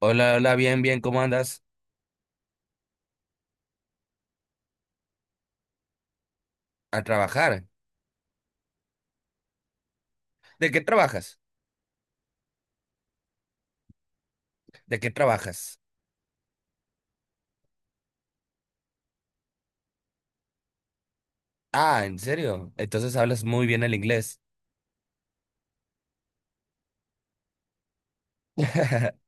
Hola, hola, bien, bien, ¿cómo andas? A trabajar. ¿De qué trabajas? ¿De qué trabajas? Ah, ¿en serio? Entonces hablas muy bien el inglés.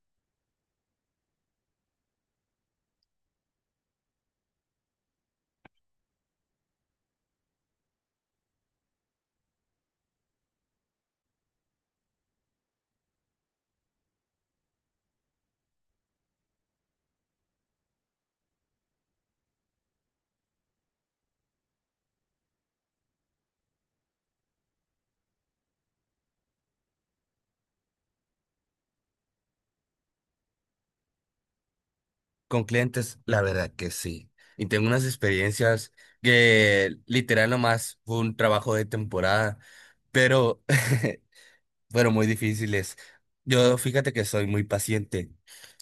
Con clientes, la verdad que sí. Y tengo unas experiencias que literal nomás fue un trabajo de temporada, pero pero muy difíciles. Yo fíjate que soy muy paciente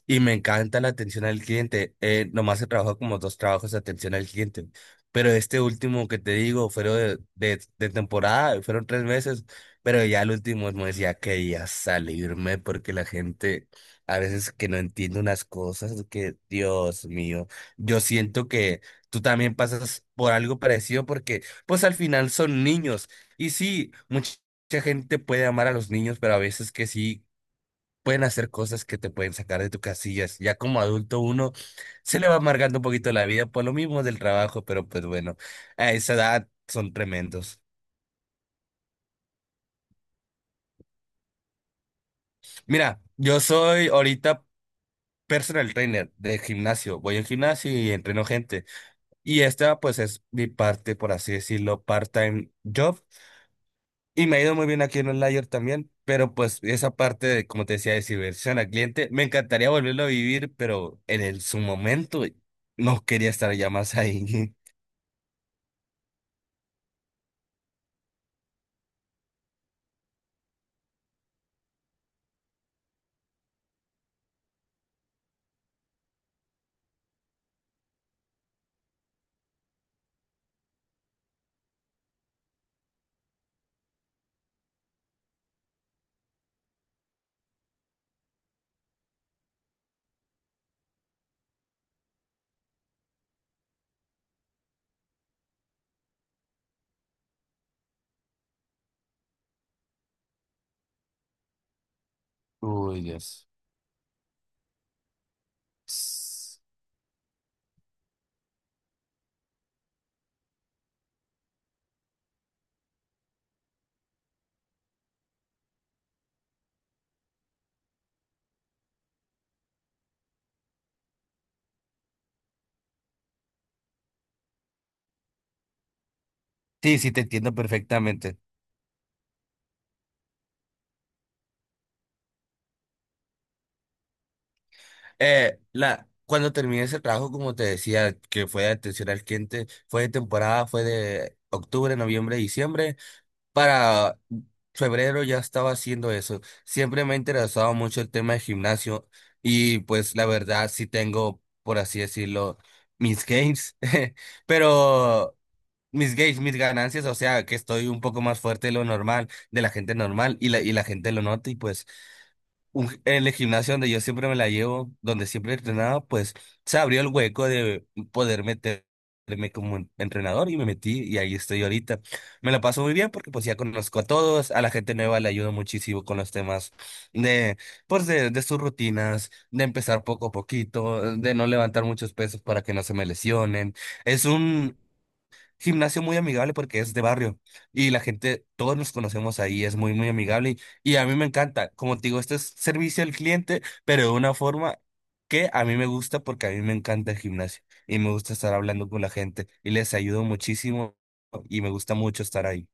y me encanta la atención al cliente. Nomás he trabajado como dos trabajos de atención al cliente, pero este último que te digo fueron de temporada, fueron 3 meses, pero ya el último me decía que ya salirme porque la gente a veces que no entiende unas cosas que, Dios mío, yo siento que tú también pasas por algo parecido porque pues al final son niños y sí, Mucha gente puede amar a los niños, pero a veces que sí pueden hacer cosas que te pueden sacar de tus casillas. Ya como adulto uno se le va amargando un poquito la vida por lo mismo del trabajo, pero pues bueno, a esa edad son tremendos. Mira, yo soy ahorita personal trainer de gimnasio. Voy al gimnasio y entreno gente. Y esta pues es mi parte, por así decirlo, part-time job. Y me ha ido muy bien aquí en Outlier también, pero pues esa parte de, como te decía, de servicio al cliente, me encantaría volverlo a vivir, pero su momento no quería estar ya más ahí. Uy, Dios. Sí, sí, te entiendo perfectamente. Cuando terminé ese trabajo, como te decía, que fue de atención al cliente, fue de temporada, fue de octubre, noviembre, diciembre. Para febrero ya estaba haciendo eso. Siempre me ha interesado mucho el tema de gimnasio y pues la verdad sí tengo, por así decirlo, mis gains, pero mis gains, mis ganancias, o sea que estoy un poco más fuerte de lo normal, de la gente normal y la gente lo nota y pues un en el gimnasio donde yo siempre me la llevo, donde siempre entrenaba, pues se abrió el hueco de poder meterme como entrenador y me metí y ahí estoy ahorita. Me la paso muy bien porque pues ya conozco a todos, a la gente nueva le ayudo muchísimo con los temas de, pues de sus rutinas, de empezar poco a poquito, de no levantar muchos pesos para que no se me lesionen. Es un gimnasio muy amigable porque es de barrio y la gente, todos nos conocemos ahí, es muy, muy amigable y a mí me encanta. Como te digo, este es servicio al cliente, pero de una forma que a mí me gusta porque a mí me encanta el gimnasio y me gusta estar hablando con la gente y les ayudo muchísimo y me gusta mucho estar ahí.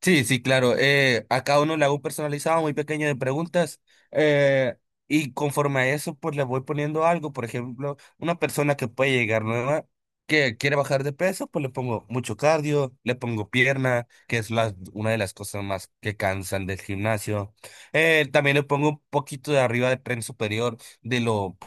Sí, sí, claro. A cada uno le hago un personalizado muy pequeño de preguntas eh, y conforme a eso, pues le voy poniendo algo. Por ejemplo, una persona que puede llegar nueva, que quiere bajar de peso, pues le pongo mucho cardio, le pongo pierna, que es la, una de las cosas más que cansan del gimnasio. También le pongo un poquito de arriba de tren superior, de lo,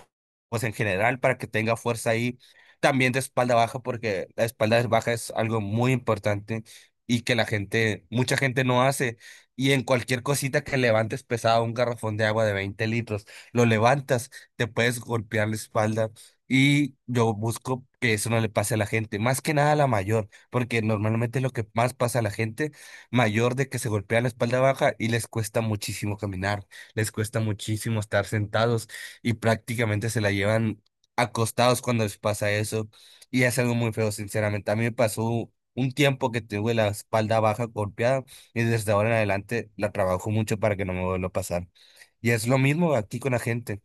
pues en general, para que tenga fuerza ahí. También de espalda baja, porque la espalda baja es algo muy importante y que la gente, mucha gente no hace. Y en cualquier cosita que levantes pesado, un garrafón de agua de 20 litros, lo levantas, te puedes golpear la espalda. Y yo busco que eso no le pase a la gente, más que nada a la mayor, porque normalmente lo que más pasa a la gente mayor de que se golpea la espalda baja y les cuesta muchísimo caminar, les cuesta muchísimo estar sentados y prácticamente se la llevan acostados cuando les pasa eso. Y es algo muy feo, sinceramente. A mí me pasó un tiempo que tuve la espalda baja golpeada y desde ahora en adelante la trabajo mucho para que no me vuelva a pasar. Y es lo mismo aquí con la gente.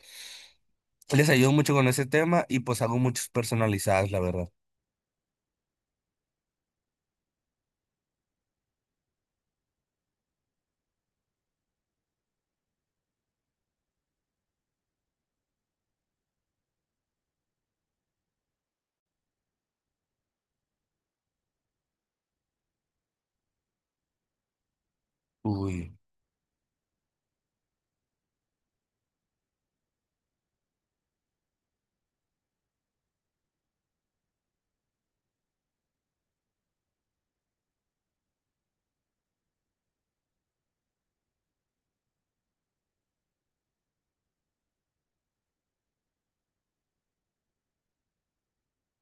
Les ayudo mucho con ese tema y pues hago muchos personalizados, la verdad. Uy.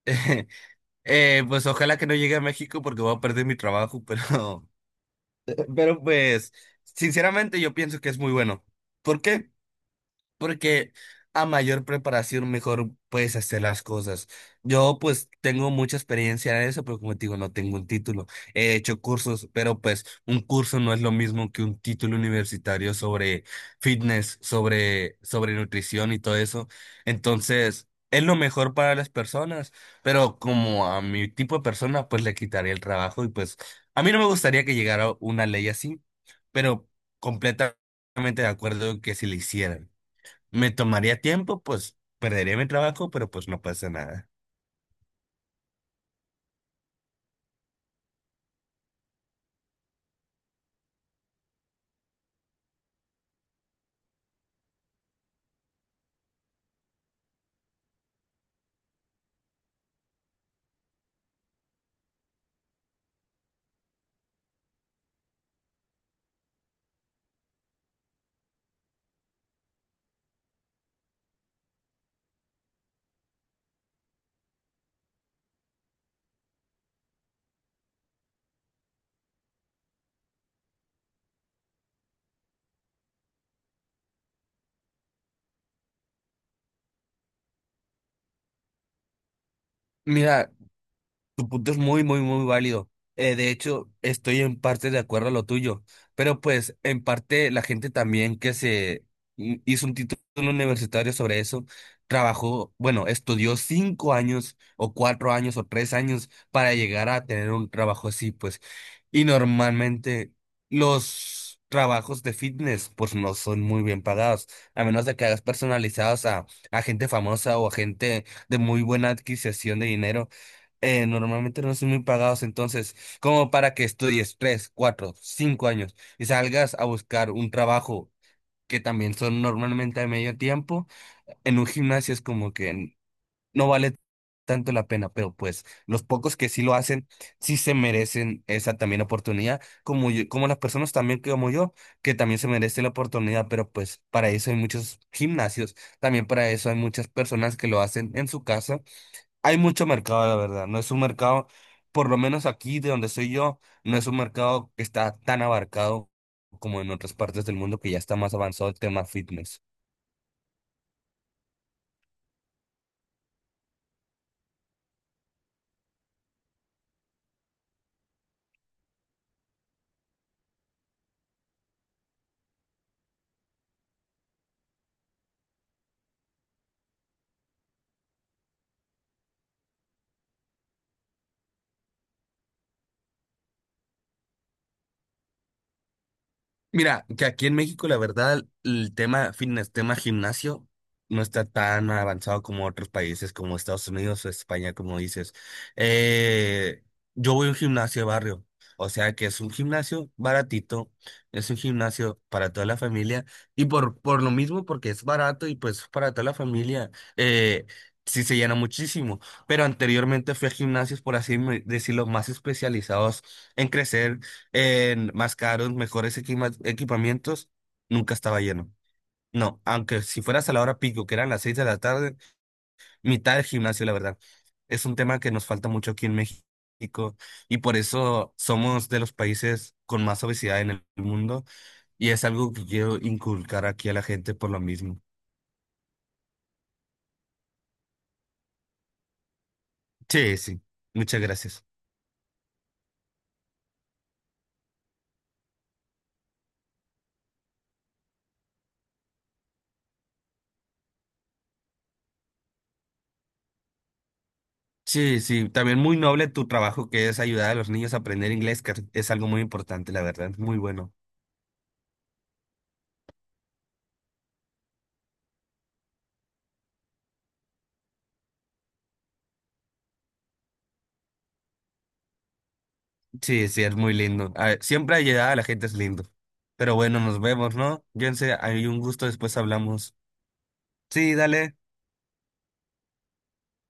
Pues ojalá que no llegue a México porque voy a perder mi trabajo, pero, pero pues sinceramente yo pienso que es muy bueno. ¿Por qué? Porque a mayor preparación, mejor puedes hacer las cosas. Yo pues tengo mucha experiencia en eso, pero como te digo, no tengo un título. He hecho cursos, pero pues un curso no es lo mismo que un título universitario sobre fitness, sobre, sobre nutrición y todo eso. Entonces, es lo mejor para las personas, pero como a mi tipo de persona, pues le quitaría el trabajo y pues a mí no me gustaría que llegara una ley así, pero completamente de acuerdo en que si le hicieran. Me tomaría tiempo, pues perdería mi trabajo, pero pues no pasa nada. Mira, tu punto es muy, muy, muy válido. De hecho, estoy en parte de acuerdo a lo tuyo, pero pues en parte la gente también que se hizo un título universitario sobre eso, trabajó, bueno, estudió 5 años o 4 años o 3 años para llegar a tener un trabajo así, pues. Y normalmente los trabajos de fitness pues no son muy bien pagados, a menos de que hagas personalizados a gente famosa o a gente de muy buena adquisición de dinero, normalmente no son muy pagados, entonces como para que estudies 3, 4, 5 años y salgas a buscar un trabajo que también son normalmente a medio tiempo, en un gimnasio es como que no vale tanto la pena, pero pues los pocos que sí lo hacen, sí se merecen esa también oportunidad, como como las personas también que como yo, que también se merece la oportunidad, pero pues para eso hay muchos gimnasios, también para eso hay muchas personas que lo hacen en su casa. Hay mucho mercado, la verdad, no es un mercado, por lo menos aquí de donde soy yo, no es un mercado que está tan abarcado como en otras partes del mundo que ya está más avanzado el tema fitness. Mira, que aquí en México, la verdad, el tema fitness, tema gimnasio, no está tan avanzado como otros países, como Estados Unidos o España, como dices. Eh, yo voy a un gimnasio de barrio, o sea que es un gimnasio baratito, es un gimnasio para toda la familia, y por lo mismo, porque es barato y pues para toda la familia, sí se llena muchísimo. Pero anteriormente fui a gimnasios, por así decirlo, más especializados en crecer en más caros, mejores equipamientos, nunca estaba lleno. No, aunque si fueras a la hora pico, que eran las 6 de la tarde, mitad del gimnasio, la verdad. Es un tema que nos falta mucho aquí en México y por eso somos de los países con más obesidad en el mundo y es algo que quiero inculcar aquí a la gente por lo mismo. Sí, sí, muchas gracias. Sí, sí, también muy noble tu trabajo que es ayudar a los niños a aprender inglés, que es algo muy importante, la verdad, muy bueno. Sí, sí, es muy lindo. A ver, siempre llegada la gente es lindo. Pero bueno, nos vemos, ¿no? Sé, hay un gusto, después hablamos. Sí, dale.